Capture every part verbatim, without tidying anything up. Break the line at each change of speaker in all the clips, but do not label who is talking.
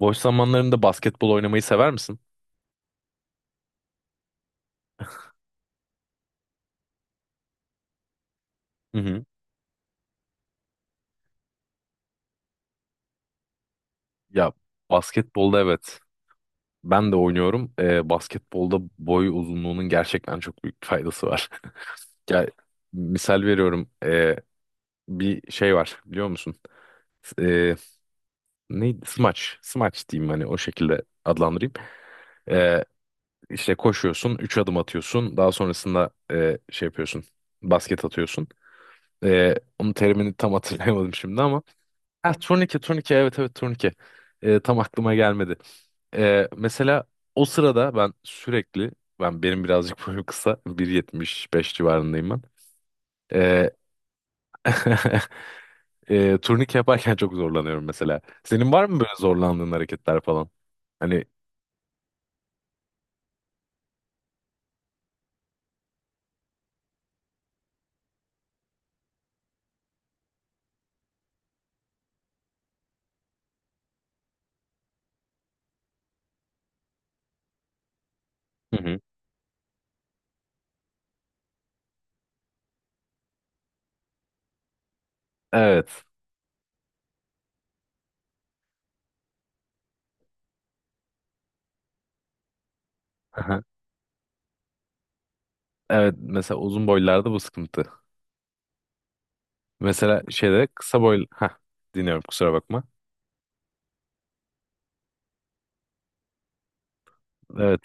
Boş zamanlarında basketbol oynamayı sever misin? Hı hı. Ya basketbolda, evet. Ben de oynuyorum. Ee, basketbolda boy uzunluğunun gerçekten çok büyük faydası var. Ya, misal veriyorum. Ee, bir şey var biliyor musun? Ee, Neydi? Smaç. Smaç diyeyim, hani o şekilde adlandırayım. Ee, işte koşuyorsun. Üç adım atıyorsun. Daha sonrasında ee, şey yapıyorsun. Basket atıyorsun. Ee, onun terimini tam hatırlayamadım şimdi ama ha, turnike turnike, evet evet, turnike. Ee, tam aklıma gelmedi. Ee, mesela o sırada ben sürekli ben benim birazcık boyum kısa, bir yetmiş beş civarındayım ben. Ee, ee, turnike yaparken çok zorlanıyorum mesela. Senin var mı böyle zorlandığın hareketler falan? Hani. Hı hı. Evet. Aha. Evet, mesela uzun boylarda bu sıkıntı. Mesela şeyde kısa boy, ha, dinliyorum, kusura bakma. Evet.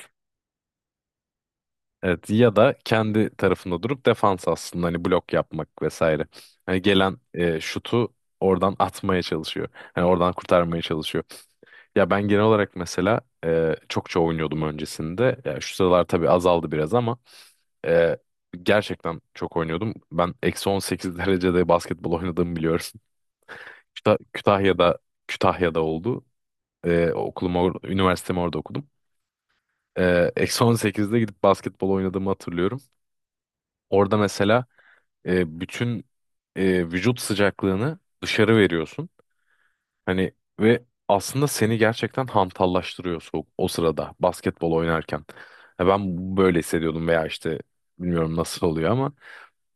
Evet, ya da kendi tarafında durup defans, aslında hani blok yapmak vesaire. Hani gelen e, şutu oradan atmaya çalışıyor. Hani oradan kurtarmaya çalışıyor. Ya ben genel olarak mesela e, çokça oynuyordum öncesinde. Ya şu sıralar tabii azaldı biraz ama e, gerçekten çok oynuyordum. Ben eksi on sekiz derecede basketbol oynadığımı biliyorum. Kütah- Kütahya'da, Kütahya'da oldu. E, okulumu, or- üniversitemi orada okudum. E, Eksi on sekizde gidip basketbol oynadığımı hatırlıyorum. Orada mesela e, bütün e, vücut sıcaklığını dışarı veriyorsun. Hani, ve aslında seni gerçekten hantallaştırıyor soğuk, o sırada basketbol oynarken. Ya ben böyle hissediyordum, veya işte bilmiyorum nasıl oluyor ama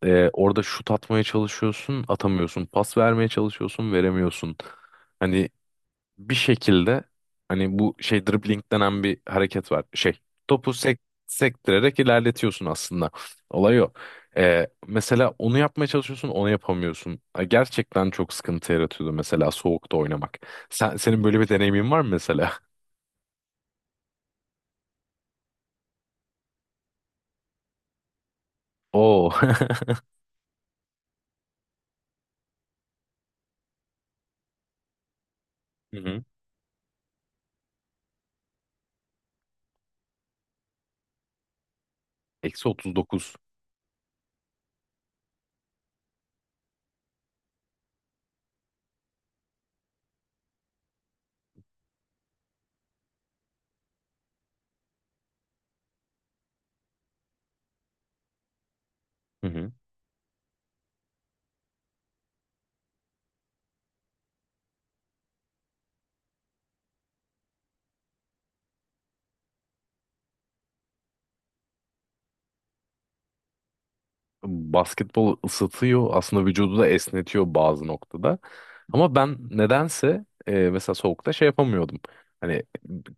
e, orada şut atmaya çalışıyorsun, atamıyorsun. Pas vermeye çalışıyorsun, veremiyorsun. Hani bir şekilde, hani bu şey dribbling denen bir hareket var. Şey, topu sek sektirerek ilerletiyorsun aslında. Olay o. Ee, mesela onu yapmaya çalışıyorsun, onu yapamıyorsun. Ha, gerçekten çok sıkıntı yaratıyordu mesela soğukta oynamak. Sen, senin böyle bir deneyimin var mı mesela? Oo. Hı hı. Eksi otuz dokuz. Hı hı. Basketbol ısıtıyor aslında vücudu, da esnetiyor bazı noktada. Ama ben nedense e, mesela soğukta şey yapamıyordum. Hani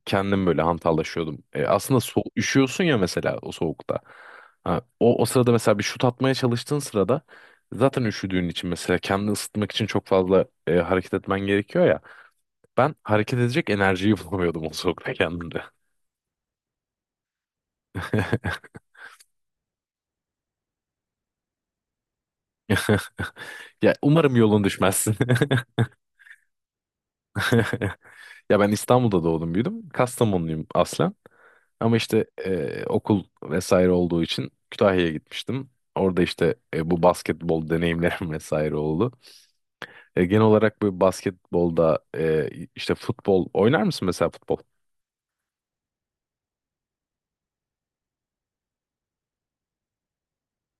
kendim böyle hantallaşıyordum. E, aslında so üşüyorsun ya mesela o soğukta. Ha, o, o sırada mesela bir şut atmaya çalıştığın sırada, zaten üşüdüğün için, mesela kendini ısıtmak için çok fazla e, hareket etmen gerekiyor ya. Ben hareket edecek enerjiyi bulamıyordum o soğukta kendimde. Ya umarım yolun düşmezsin. Ya ben İstanbul'da doğdum, büyüdüm. Kastamonluyum aslen. Ama işte e, okul vesaire olduğu için Kütahya'ya gitmiştim. Orada işte e, bu basketbol deneyimlerim vesaire oldu. E, genel olarak bu basketbolda, e, işte futbol oynar mısın mesela, futbol?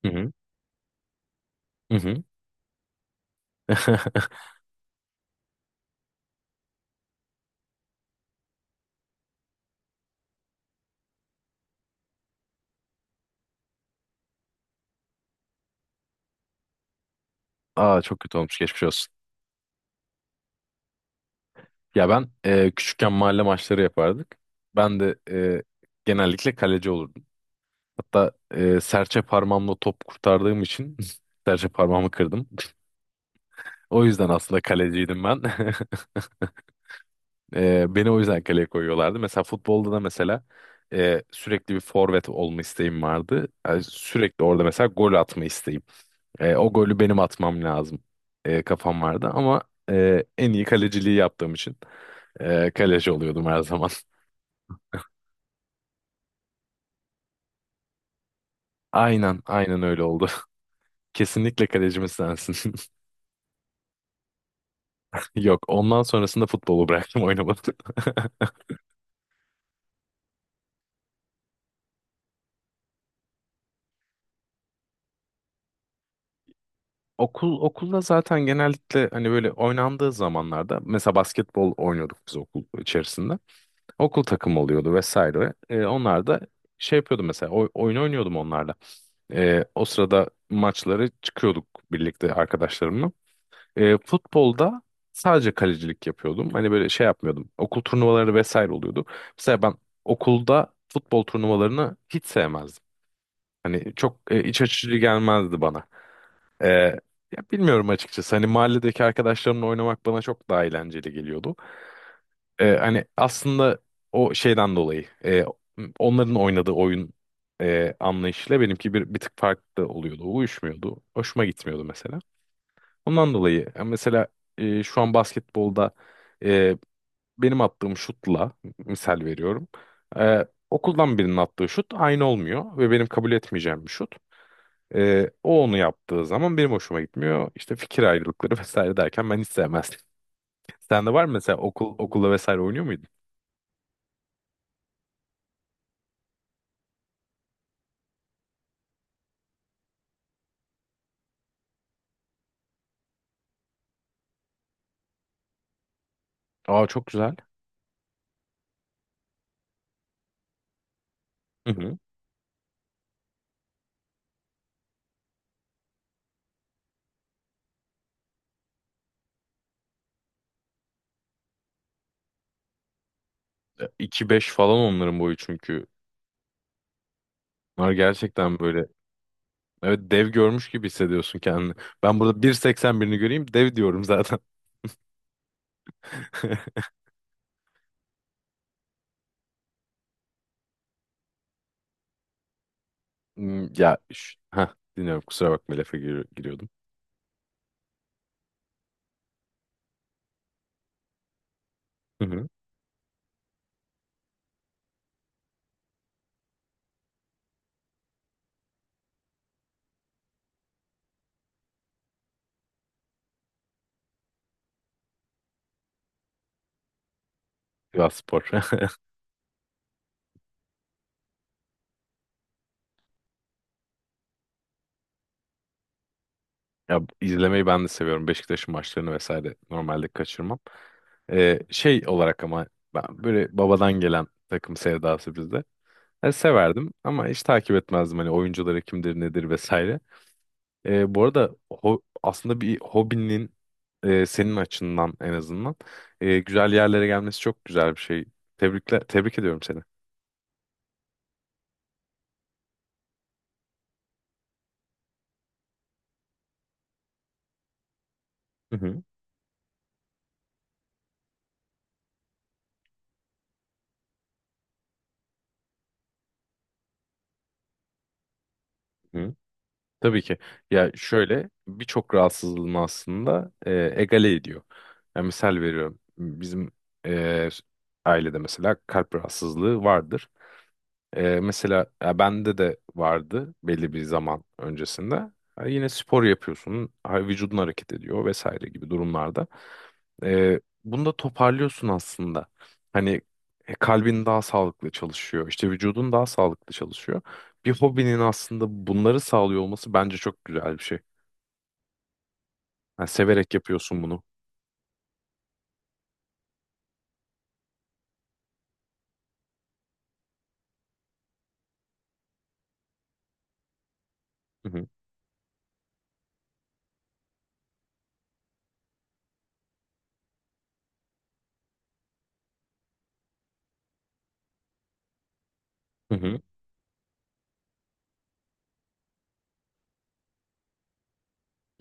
Hı hı. Hı hı. Aa, çok kötü olmuş, geçmiş olsun. Ya ben e, küçükken mahalle maçları yapardık. Ben de e, genellikle kaleci olurdum. Hatta e, serçe parmağımla top kurtardığım için serçe parmağımı kırdım. O yüzden aslında kaleciydim ben. E, beni o yüzden kaleye koyuyorlardı. Mesela futbolda da mesela e, sürekli bir forvet olma isteğim vardı. Yani sürekli orada mesela gol atma isteğim. E, o golü benim atmam lazım, e, kafam vardı ama e, en iyi kaleciliği yaptığım için e, kaleci oluyordum her zaman. Aynen, aynen öyle oldu. Kesinlikle kalecimiz sensin. Yok, ondan sonrasında futbolu bıraktım, oynamadım. Okul okulda zaten genellikle, hani böyle oynandığı zamanlarda, mesela basketbol oynuyorduk biz okul içerisinde. Okul takımı oluyordu vesaire. E, onlar da şey yapıyordu, mesela oy- oyun oynuyordum onlarla. E, o sırada maçları çıkıyorduk birlikte arkadaşlarımla. E, futbolda sadece kalecilik yapıyordum. Hani böyle şey yapmıyordum. Okul turnuvaları vesaire oluyordu. Mesela ben okulda futbol turnuvalarını hiç sevmezdim. Hani çok e, iç açıcı gelmezdi bana. E, Ya bilmiyorum açıkçası. Hani mahalledeki arkadaşlarımla oynamak bana çok daha eğlenceli geliyordu. E, hani aslında o şeyden dolayı e, onların oynadığı oyun e, anlayışıyla benimki bir, bir tık farklı oluyordu. Uyuşmuyordu. Hoşuma gitmiyordu mesela. Ondan dolayı ya mesela e, şu an basketbolda e, benim attığım şutla, misal veriyorum. E, okuldan birinin attığı şut aynı olmuyor ve benim kabul etmeyeceğim bir şut. E, o onu yaptığı zaman benim hoşuma gitmiyor. İşte fikir ayrılıkları vesaire derken ben hiç sevmezdim. Sende var mı mesela, okul okulda vesaire oynuyor muydun? Aa, çok güzel. Hı hı. E, iki beş falan onların boyu çünkü. Bunlar gerçekten böyle, evet, dev görmüş gibi hissediyorsun kendini. Ben burada bir seksen birini göreyim dev diyorum zaten. Hmm, ya ş- heh, dinliyorum, kusura bakma, lafa gir- giriyordum. Hı hı. Sivas Spor. Ya bu- izlemeyi ben de seviyorum. Beşiktaş'ın maçlarını vesaire normalde kaçırmam. Ee, şey olarak ama ben böyle babadan gelen takım sevdası bizde. Yani severdim ama hiç takip etmezdim hani oyuncuları kimdir nedir vesaire. Ee, bu arada ho- aslında bir hobinin e, senin açından en azından e, güzel yerlere gelmesi çok güzel bir şey. Tebrikler, tebrik ediyorum seni. Hı hı. Tabii ki. Ya şöyle, birçok rahatsızlığını aslında e, egale ediyor. Yani misal veriyorum. Bizim e, ailede mesela kalp rahatsızlığı vardır. Ee, mesela ya bende de vardı belli bir zaman öncesinde. Ha, yine spor yapıyorsun, ha, vücudun hareket ediyor vesaire gibi durumlarda. Ee, bunu da toparlıyorsun aslında. Hani e, kalbin daha sağlıklı çalışıyor, işte vücudun daha sağlıklı çalışıyor. Bir hobinin aslında bunları sağlıyor olması bence çok güzel bir şey. Yani severek yapıyorsun bunu. Hı hı. Hı hı.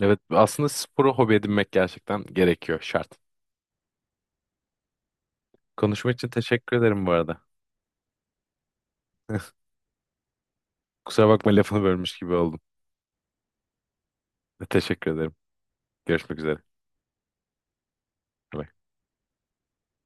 Evet, aslında sporu hobi edinmek gerçekten gerekiyor, şart. Konuşma için teşekkür ederim bu arada. Kusura bakma, lafını bölmüş gibi oldum. Teşekkür ederim. Görüşmek üzere. Bye.